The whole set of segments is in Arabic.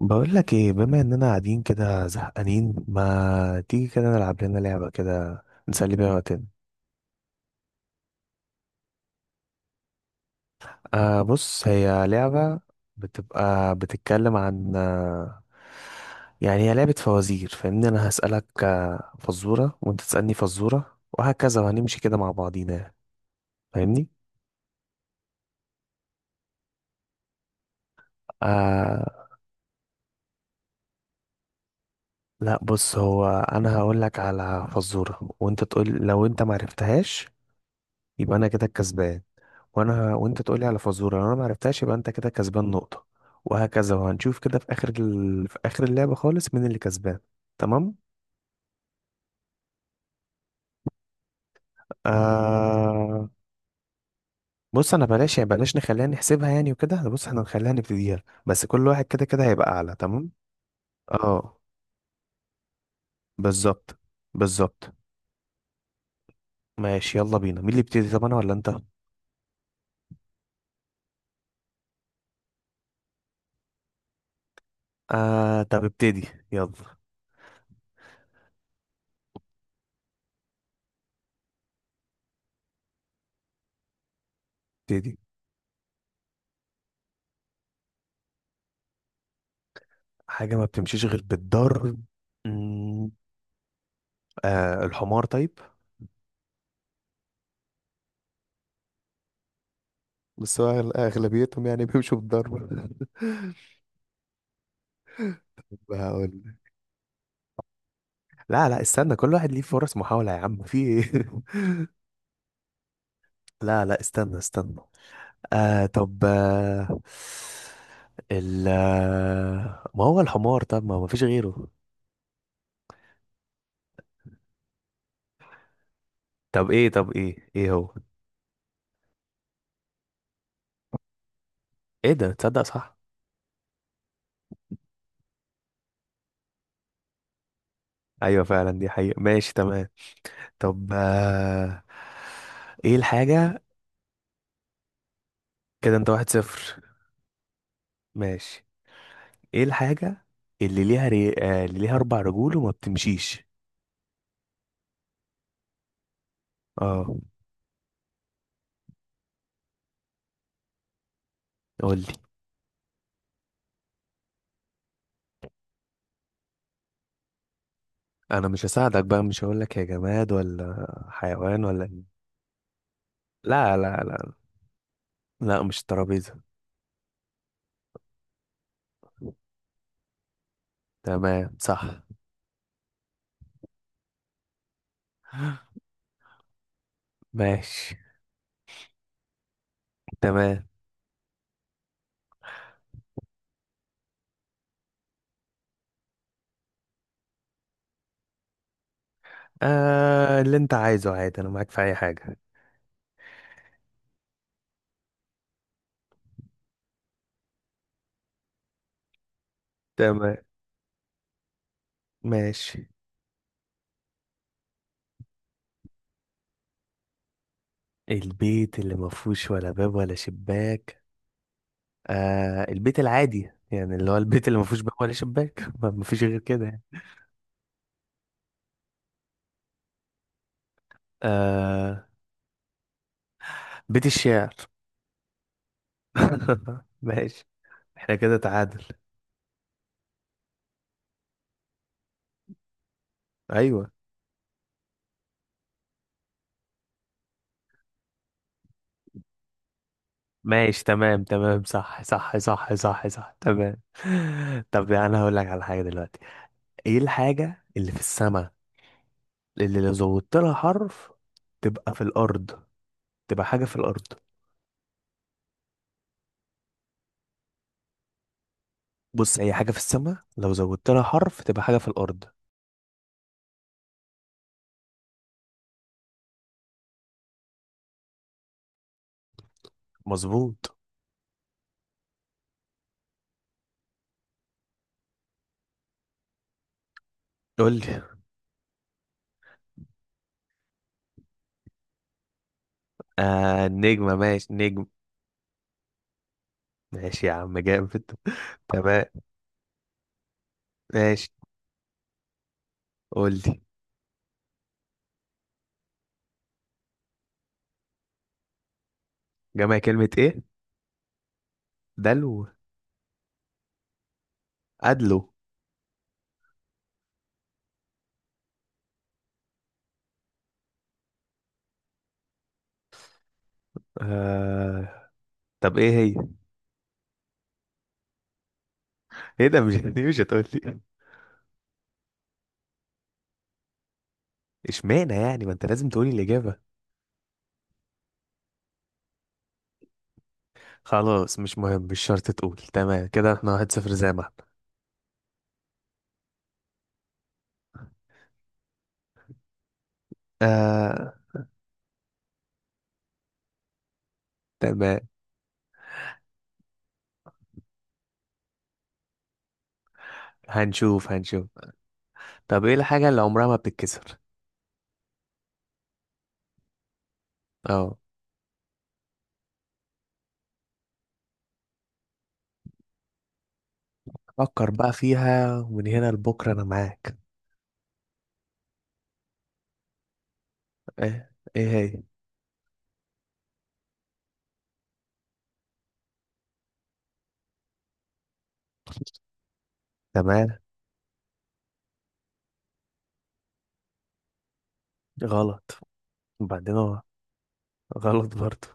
بقول لك ايه، بما اننا قاعدين كده زهقانين، ما تيجي كده نلعب لنا لعبة كده نسلي بيها وقتنا. بص، هي لعبة بتبقى بتتكلم عن يعني هي لعبة فوازير، فاهمني؟ انا هسألك فزورة، وانت تسألني فزورة، وهكذا، وهنمشي كده مع بعضينا يعني. فاهمني؟ آه لا، بص، هو انا هقول لك على فزورة وانت تقول، لو انت معرفتهاش يبقى انا كده الكسبان. وانت تقولي على فزوره، لو انا ما عرفتهاش يبقى انت كده كسبان نقطه. وهكذا، وهنشوف كده في في اخر اللعبه خالص مين اللي كسبان. تمام. آه... بص، انا بلاش يعني، بلاش نخليها نحسبها يعني وكده. أنا بص احنا نخليها نبتديها بس، كل واحد كده كده هيبقى اعلى تمام. اه، بالظبط، بالظبط. ماشي يلا بينا، مين اللي يبتدي؟ طب انا ولا انت؟ طب ابتدي يلا. ابتدي. حاجه ما بتمشيش غير بالضرب. مم، الحمار. طيب. بس هو اغلبيتهم يعني بيمشوا بالضربه. بقول لا لا استنى، كل واحد ليه فرص محاوله، يا عم في ايه. لا لا استنى استنى. طب ما هو الحمار. طب ما فيش غيره. طب ايه هو؟ ايه ده، تصدق صح؟ ايوه فعلا، دي حقيقة، ماشي تمام. طب ايه الحاجة. كده انت واحد صفر. ماشي، ايه الحاجة اللي ليها اللي ليها اربع رجول وما بتمشيش. اه، قول لي. انا مش هساعدك بقى، مش هقول لك يا جماد ولا حيوان ولا إيه. لا لا لا لا مش ترابيزة. تمام صح. ماشي تمام. اللي انت عايزه عادي، انا معاك في اي حاجة. تمام، ماشي. البيت اللي ما فيهوش ولا باب ولا شباك. البيت العادي يعني، اللي هو البيت اللي ما فيهوش باب ولا شباك. ما فيش غير كده يعني. آه، بيت الشعر. ماشي. احنا كده تعادل. ايوه، ماشي تمام تمام صح صح صح صح صح تمام. طب انا هقول لك على حاجه دلوقتي. ايه الحاجه اللي في السماء اللي لو زودت لها حرف تبقى في الارض، تبقى حاجه في الارض. بص، هي حاجه في السماء لو زودت لها حرف تبقى حاجه في الارض. مظبوط. قول لي. آه، نجمه، ماشي نجم. ماشي يا عم جامد، تمام. ماشي، قول لي. جمع كلمه ايه؟ دلو. ادلو. آه... طب ايه هي؟ ايه ده مش دي مش هتقول لي؟ اشمعنى يعني ما انت لازم تقولي الإجابة. خلاص مش مهم، مش شرط تقول، تمام كده احنا واحد صفر زي ما احنا. آه، تمام. هنشوف هنشوف. طب ايه الحاجة اللي عمرها ما بتتكسر؟ اه، فكر بقى فيها ومن هنا لبكرة انا معاك. ايه هي؟ تمام. غلط. وبعدين هو؟ غلط برضه.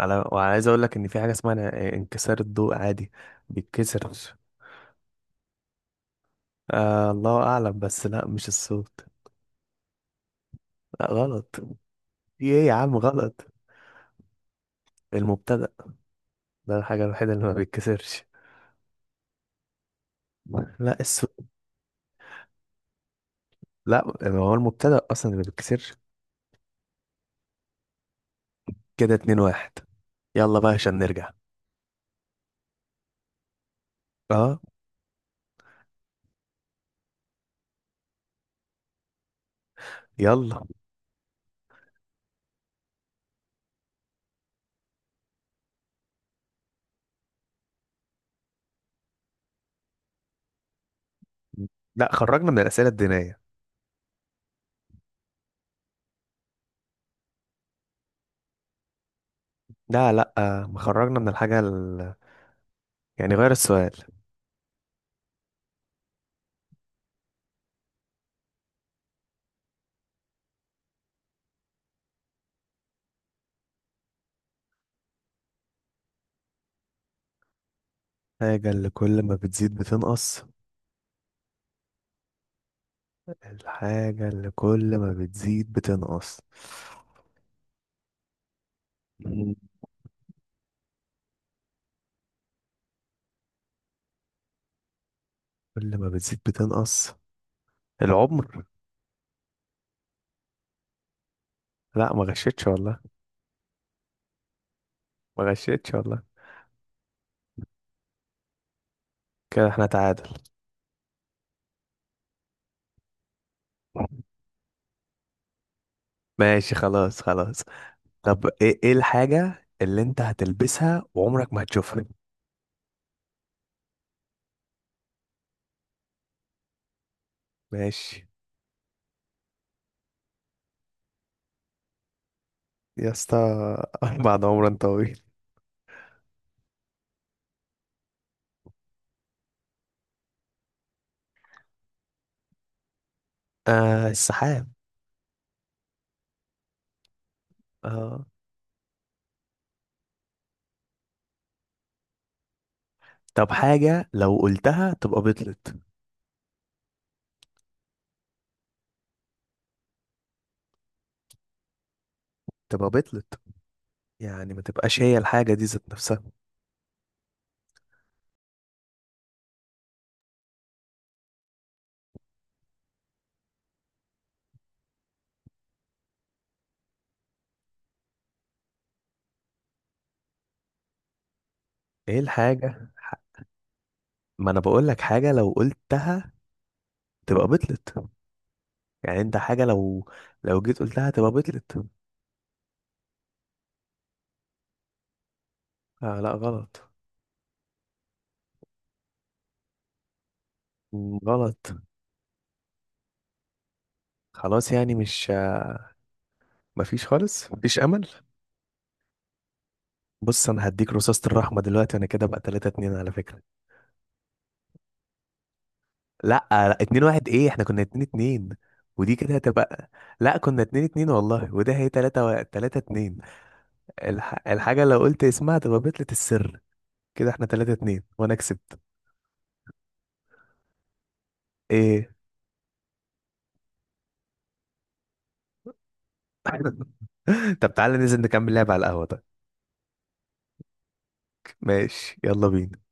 على، وعايز اقول لك ان في حاجة اسمها انكسار الضوء عادي، بيتكسر. آه الله اعلم، بس لا مش الصوت. لا غلط. في ايه يا عم غلط؟ المبتدأ. ده الحاجة الوحيدة اللي ما بيتكسرش. لا السو... لا ما هو المبتدأ أصلا اللي ما بيتكسرش. كده اتنين واحد. يلا بقى عشان نرجع. اه يلا. لا خرجنا من الأسئلة الدينية. لا لا، ما خرجنا من الحاجة يعني غير السؤال. الحاجة اللي كل ما بتزيد بتنقص. الحاجة اللي كل ما بتزيد بتنقص. مم. كل ما بتزيد بتنقص. العمر. لا ما غشيتش والله، ما غشيتش والله. كده احنا تعادل. ماشي خلاص خلاص. طب ايه الحاجة اللي انت هتلبسها وعمرك ما هتشوفها؟ ماشي يا اسطى. بعد عمر طويل. آه السحاب. آه، طب حاجة لو قلتها تبقى بطلت، تبقى بطلت يعني ما تبقاش هي الحاجة دي ذات نفسها. ايه الحاجة ما انا بقول لك حاجة لو قلتها تبقى بطلت، يعني انت حاجة لو، لو جيت قلتها تبقى بطلت. آه لا غلط. مم، غلط. خلاص يعني مش مفيش خالص مفيش امل. بص انا هديك رصاصة الرحمة دلوقتي، انا كده بقى 3 2 على فكرة. لا لا 2 1. ايه احنا كنا 2 2 ودي كده هتبقى. لا كنا 2 2 والله، وده هي 3 3 2. الحاجة لو قلت اسمها تبقى بطلة السر. كده احنا 3 2 وانا كسبت. ايه. طب تعالى ننزل نكمل لعب على القهوة. طيب ماشي يلا بينا.